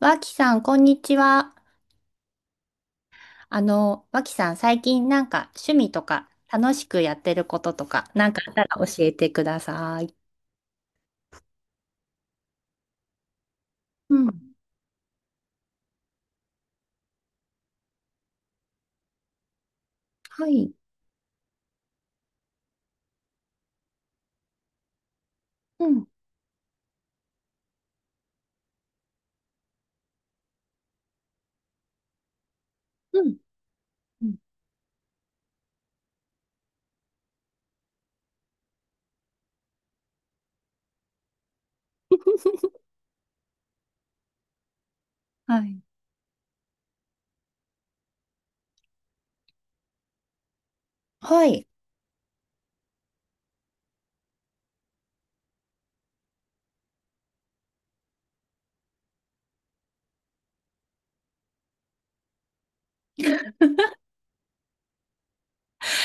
わきさん、こんにちは。わきさん、最近なんか趣味とか楽しくやってることとか、なんかあったら教えてください。うん。はい。うん。うん。うん。 はい。はい。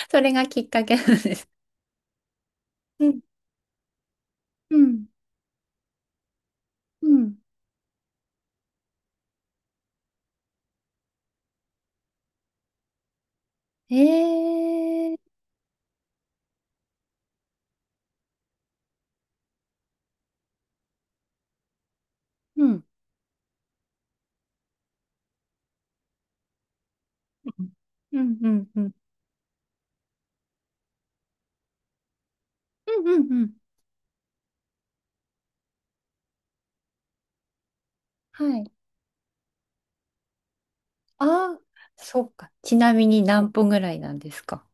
それがきっかけなんです。うん。うん。うん。えー。うん。うん。うん。うん。うん。うんうん。はい。ああ、そうか。ちなみに何分ぐらいなんですか？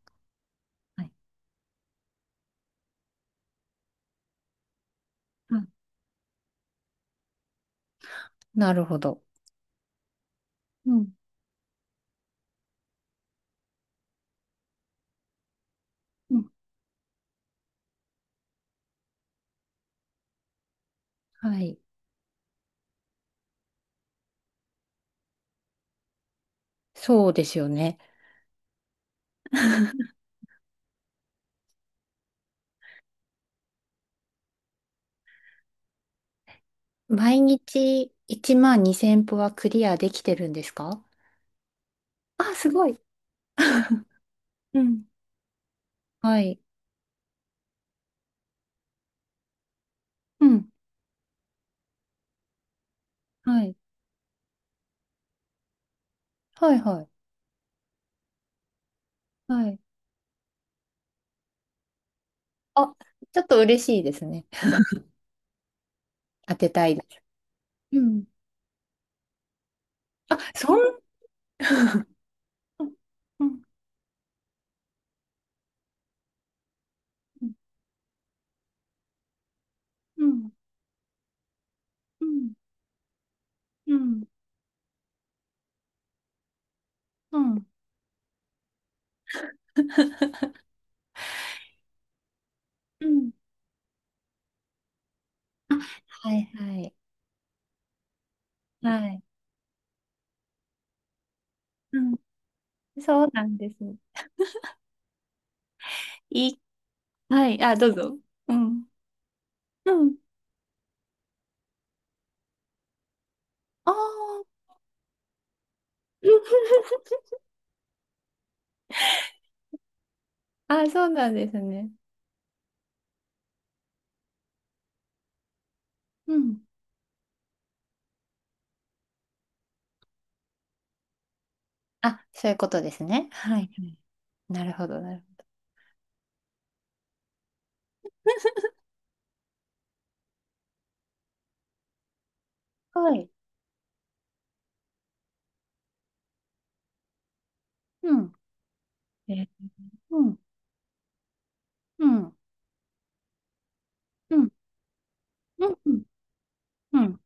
はい。あ、なるほど。うん。うん。はい。そうですよね。毎日1万2千歩はクリアできてるんですか？あ、すごい。うん。はい。うん。はい。はいはい。はい。あ、ちょっと嬉しいですね。当てたいです。うん。あ、そん、うんうんうんうんうんうんうん、あ、はいはいはい。うん。そうなんです。いい。はい。あ、どうぞ。うん。うん。ああ。あ、そうなんですね。うん。あ、そういうことですね。はい。はい、なるほど、なるほど。はい。うん。えー、うん。うん。うん。うん。うん。うん。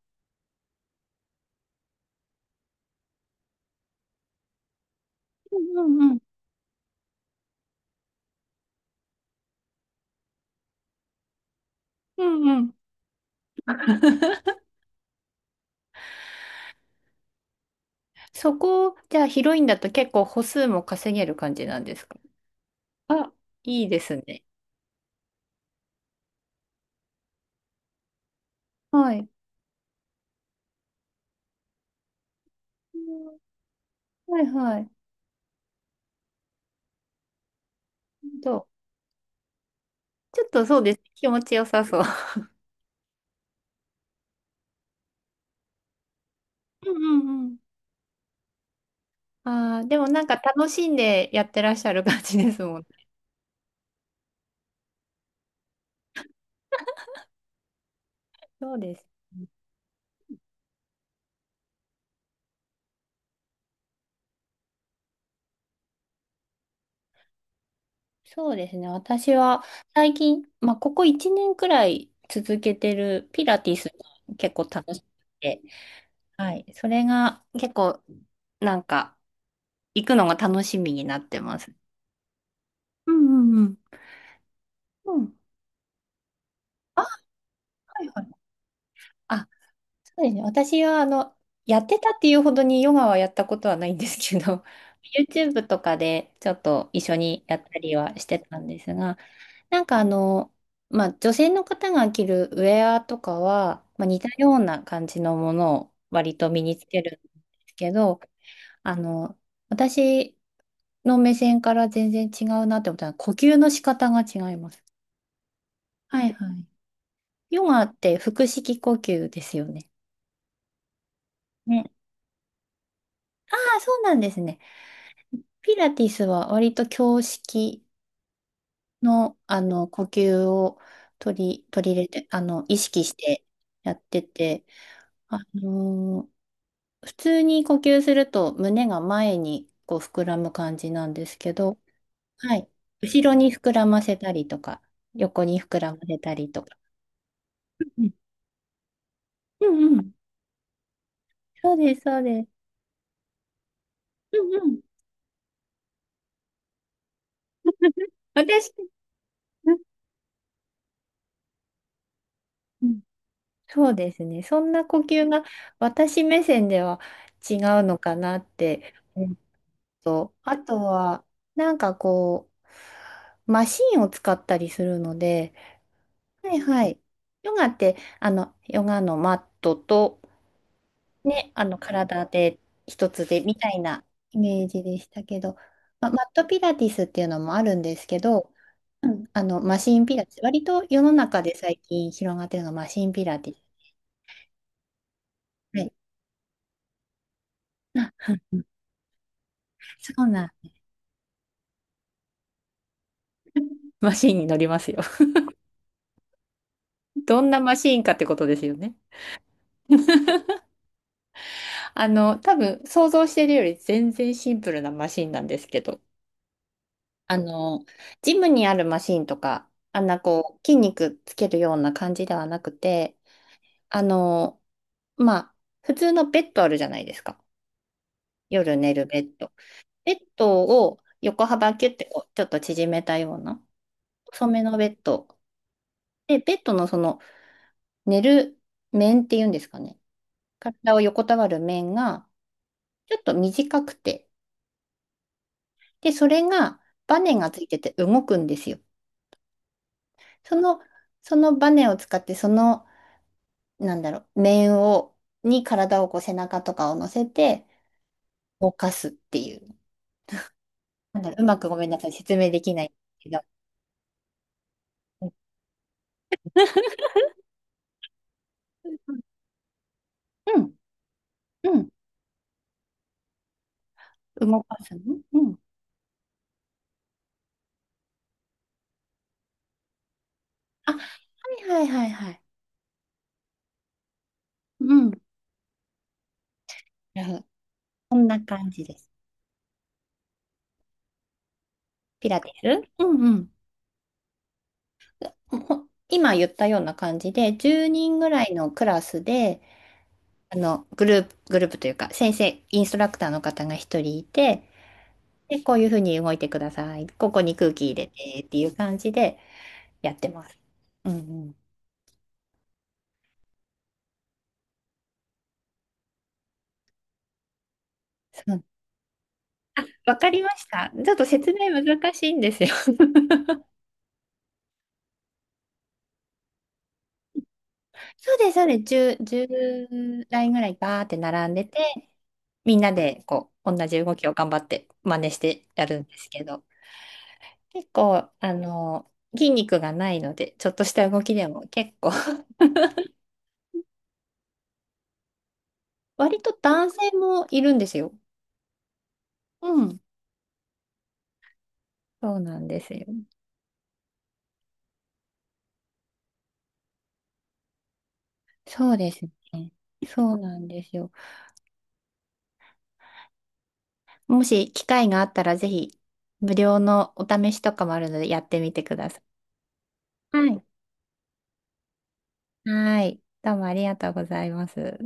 うん。うん。うん。そこ、じゃあ、ヒロインだと結構歩数も稼げる感じなんですか？あ、いいですね。はい。うん、はいはい。と、ちょっとそうです。気持ちよさそう。うんうんうん。ああ、でもなんか楽しんでやってらっしゃる感じですもん。そうです。そうですね。私は最近、まあ、ここ1年くらい続けてるピラティスが結構楽しくて、はい。それが結構、なんか、行くのが楽しみになってます。うんうんうん。うん。あ、はいはい。あ、そうですね。私は、やってたっていうほどにヨガはやったことはないんですけど、YouTube とかでちょっと一緒にやったりはしてたんですが、なんかまあ、女性の方が着るウェアとかは、まあ、似たような感じのものを割と身につけるんですけど、あの、私の目線から全然違うなって思ったのは、呼吸の仕方が違います。はいはい。ヨガって腹式呼吸ですよね。ね。ああ、そうなんですね。ピラティスは割と胸式の、あの呼吸を取り入れて、意識してやってて、あのー普通に呼吸すると胸が前にこう膨らむ感じなんですけど、はい。後ろに膨らませたりとか、横に膨らませたりとか。うんうんうん。そうです、そうです。うんうん。私、うんうん、そうですね。そんな呼吸が私目線では違うのかなって。うん、と、あとは、なんかこう、マシンを使ったりするので、はいはい。ヨガって、ヨガのマットと、ね、体で一つでみたいなイメージでしたけど、マットピラティスっていうのもあるんですけど、うんマシンピラティス、割と世の中で最近広がってるのがマシンピラティス。はい。あ、うん、そうなん。マシンに乗りますよ。どんなマシンかってことですよね。多分想像してるより全然シンプルなマシンなんですけど、あの、ジムにあるマシンとか、あんなこう、筋肉つけるような感じではなくて、あの、まあ、普通のベッドあるじゃないですか。夜寝るベッド。ベッドを横幅キュッてこう、ちょっと縮めたような、細めのベッド。で、ベッドのその、寝る面っていうんですかね。体を横たわる面が、ちょっと短くて、で、それが、バネがついてて動くんですよ。その、その、バネを使って、なんだろう、面を、に体をこう背中とかを乗せて動かすっていう。なんだろう、うまくごめんなさい、説明できないけど。うん、うん、動かすの、うん。あ、はいはいはいはい。うん。なるほど、こんな感じです。ピラティス、うんうん。ほほ今言ったような感じで、10人ぐらいのクラスで、グループというか、先生、インストラクターの方が一人いて、で、こういうふうに動いてください。ここに空気入れてっていう感じで、やってます。うんうん。そう、わかりました。ちょっと説明難しいんですよ。そうです、そうです。10、10台ぐらいバーって並んでて、みんなでこう、同じ動きを頑張って真似してやるんですけど、結構、筋肉がないので、ちょっとした動きでも結構、割と男性もいるんですよ。うん。そうなんですよ。そうですね。そうなんですよ。もし機会があったらぜひ無料のお試しとかもあるのでやってみてください。はい。はい。どうもありがとうございます。